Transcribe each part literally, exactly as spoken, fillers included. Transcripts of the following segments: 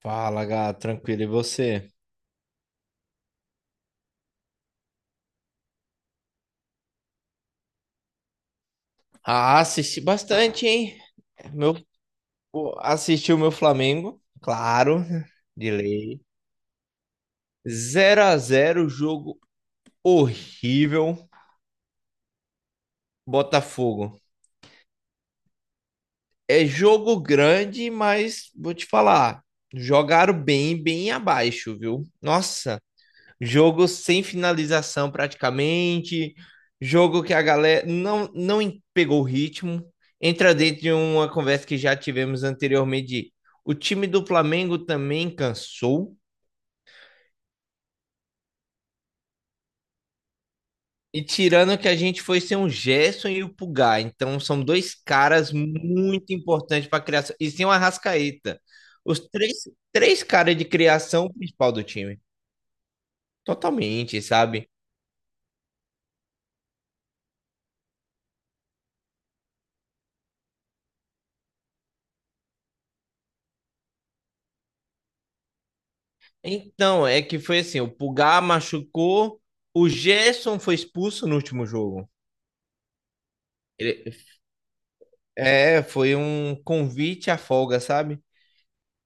Fala, gato, tranquilo, e você? Ah, assisti bastante, hein? Meu, pô, assisti o meu Flamengo, claro, de lei. zero a zero, jogo horrível, Botafogo. É jogo grande, mas vou te falar, jogaram bem, bem abaixo, viu? Nossa, Jogo sem finalização praticamente, jogo que a galera não, não pegou o ritmo. Entra dentro de uma conversa que já tivemos anteriormente de o time do Flamengo também cansou. E tirando que a gente foi ser um Gerson e o Pulgar. Então são dois caras muito importantes para a criação. E sem o Arrascaeta. Os três, três caras de criação principal do time. Totalmente, sabe? Então, é que foi assim, o Pulgar machucou, o Gerson foi expulso no último jogo. Ele- É, foi um convite à folga, sabe?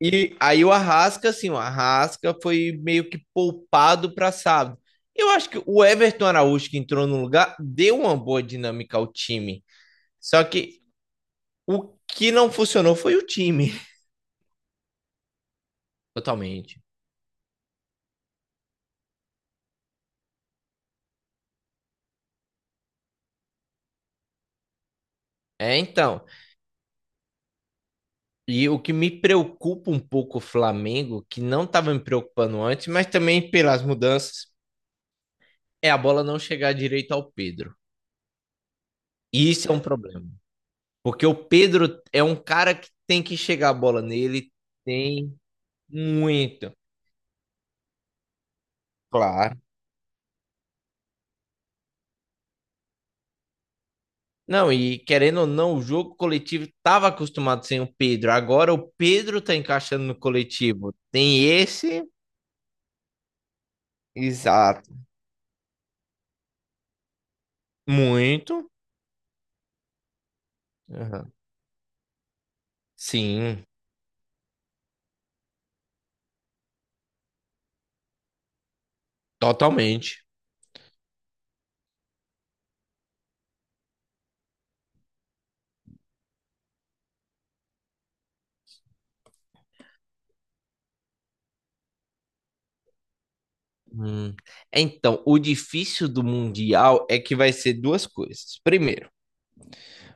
E aí o Arrasca, assim, o Arrasca foi meio que poupado para sábado. Eu acho que o Everton Araújo que entrou no lugar deu uma boa dinâmica ao time. Só que o que não funcionou foi o time, totalmente. É, então. E o que me preocupa um pouco o Flamengo, que não estava me preocupando antes, mas também pelas mudanças, é a bola não chegar direito ao Pedro. E isso é um problema. Porque o Pedro é um cara que tem que chegar a bola nele, tem muito. Claro. Não, e querendo ou não, o jogo coletivo estava acostumado sem o Pedro. Agora o Pedro está encaixando no coletivo. Tem esse. Exato. Muito. Aham. Sim, totalmente. Hum. Então, o difícil do Mundial é que vai ser duas coisas. Primeiro,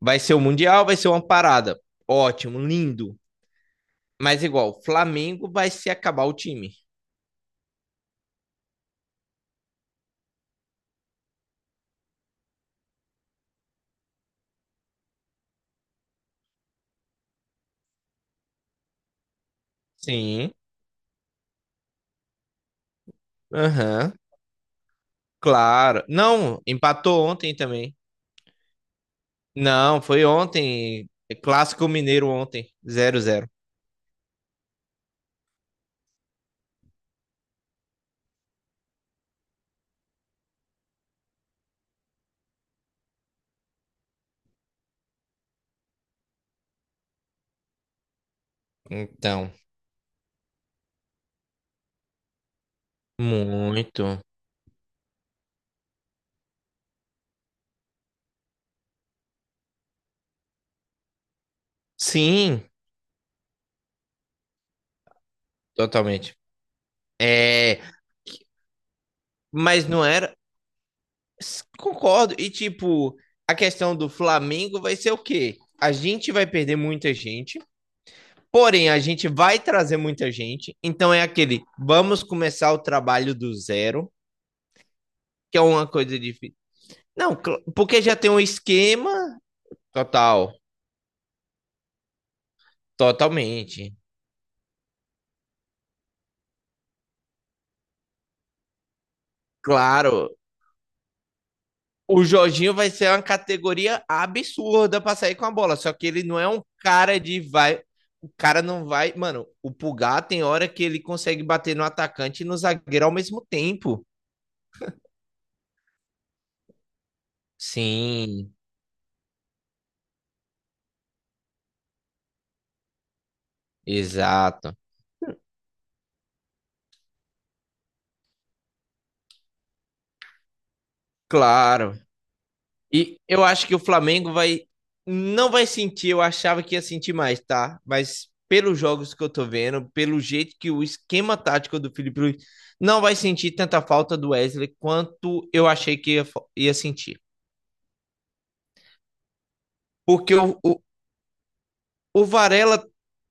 vai ser o Mundial, vai ser uma parada. Ótimo, lindo. Mas igual, Flamengo vai se acabar o time. Sim. Aham. Claro. Não, empatou ontem também. Não, foi ontem. É Clássico Mineiro ontem. Zero zero. Então, muito. Sim, totalmente. É. Mas não era. Concordo. E, tipo, a questão do Flamengo vai ser o quê? A gente vai perder muita gente, porém, a gente vai trazer muita gente. Então, é aquele, vamos começar o trabalho do zero, que é uma coisa difícil. Não, porque já tem um esquema total, totalmente. Claro, O Jorginho vai ser uma categoria absurda pra sair com a bola. Só que ele não é um cara de vai. O cara não vai. Mano, o Pulgar tem hora que ele consegue bater no atacante e no zagueiro ao mesmo tempo. Sim, exato. Claro. E eu acho que o Flamengo vai. Não vai sentir, eu achava que ia sentir mais, tá? Mas pelos jogos que eu tô vendo, pelo jeito que o esquema tático do Felipe Luiz não vai sentir tanta falta do Wesley quanto eu achei que ia, ia sentir. Porque o, o, o Varela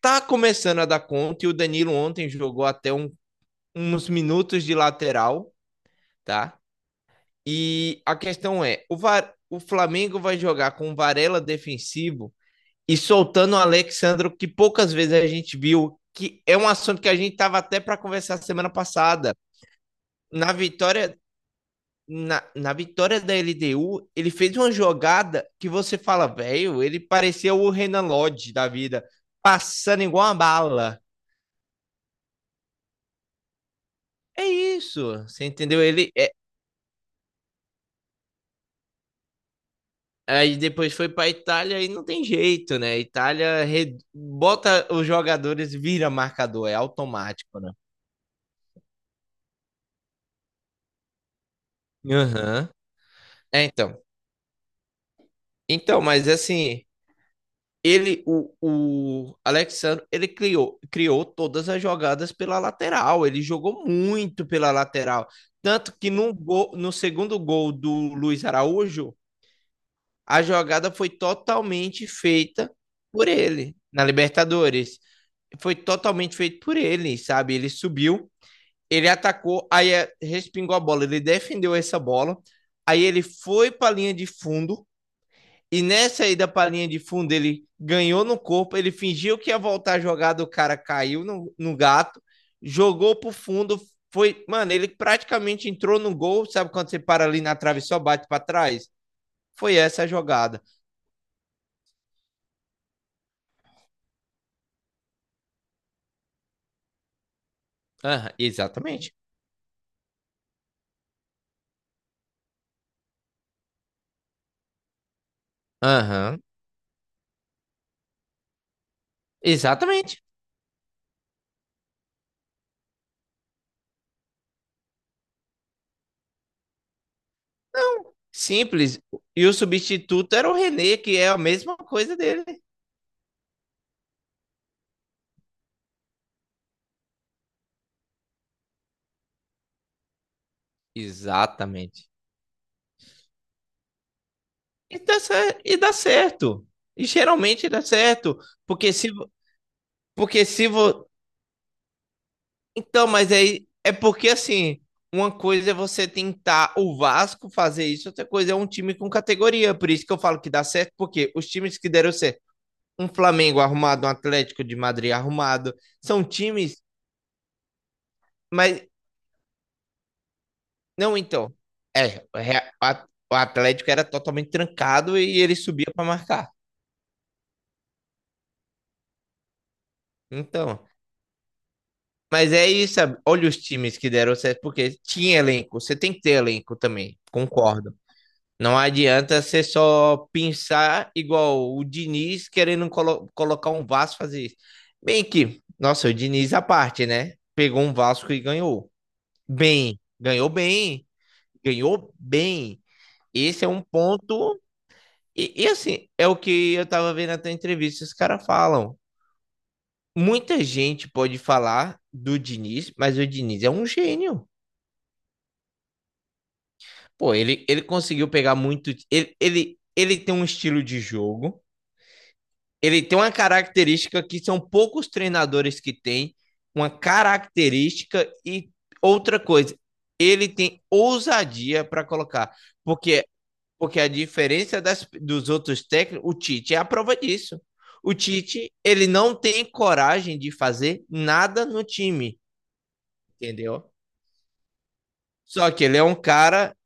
tá começando a dar conta e o Danilo ontem jogou até um, uns minutos de lateral, tá? E a questão é, o, Var, o Flamengo vai jogar com o Varela defensivo e soltando o Alexandro, que poucas vezes a gente viu, que é um assunto que a gente tava até para conversar semana passada. Na vitória na, na vitória da L D U, ele fez uma jogada que você fala, velho, ele parecia o Renan Lodge da vida, passando igual uma bala. É isso, você entendeu? Ele é- aí depois foi para Itália e não tem jeito, né? Itália re- bota os jogadores vira marcador, é automático, né? Aham. É, então. Então, mas assim, ele, o, o Alexandre, ele criou, criou todas as jogadas pela lateral. Ele jogou muito pela lateral. Tanto que no, gol, no segundo gol do Luiz Araújo, a jogada foi totalmente feita por ele na Libertadores. Foi totalmente feito por ele, sabe? Ele subiu, ele atacou, aí é, respingou a bola, ele defendeu essa bola, aí ele foi para a linha de fundo, e nessa aí da palhinha de fundo, ele ganhou no corpo, ele fingiu que ia voltar a jogada, o cara caiu no, no gato, jogou pro fundo, foi, mano, ele praticamente entrou no gol, sabe quando você para ali na trave e só bate para trás? Foi essa a jogada. Aham, exatamente. Aham, exatamente. Não, simples. E o substituto era o René, que é a mesma coisa dele. Exatamente. E dá, cer- e dá certo. E geralmente dá certo. Porque se porque se, vo- Então, mas aí é porque assim, uma coisa é você tentar o Vasco fazer isso, outra coisa é um time com categoria. Por isso que eu falo que dá certo, porque os times que deram certo, um Flamengo arrumado, um Atlético de Madrid arrumado, são times, mas não então. É, o a- o Atlético era totalmente trancado e ele subia para marcar. Então, mas é isso, sabe? Olha os times que deram certo, porque tinha elenco, você tem que ter elenco também, concordo. Não adianta você só pensar igual o Diniz querendo colo- colocar um Vasco fazer isso. Bem que, nossa, o Diniz à parte, né? Pegou um Vasco e ganhou. Bem, ganhou bem, ganhou bem. Esse é um ponto. E, e assim, é o que eu tava vendo até entrevista, os caras falam. Muita gente pode falar do Diniz, mas o Diniz é um gênio. Pô, ele, ele conseguiu pegar muito. Ele, ele, ele tem um estilo de jogo. Ele tem uma característica que são poucos treinadores que têm, uma característica e outra coisa, ele tem ousadia para colocar, porque porque a diferença das, dos outros técnicos, o Tite é a prova disso. O Tite, ele não tem coragem de fazer nada no time, entendeu? Só que ele é um cara,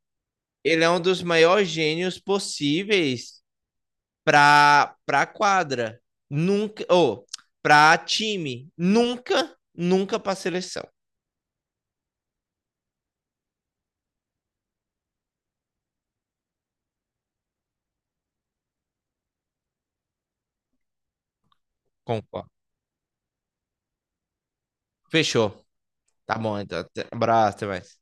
ele é um dos maiores gênios possíveis pra, pra quadra. Nunca, ou pra time. Nunca, nunca pra seleção. Concordo. Fechou. Tá bom, então. Abraço, até mais.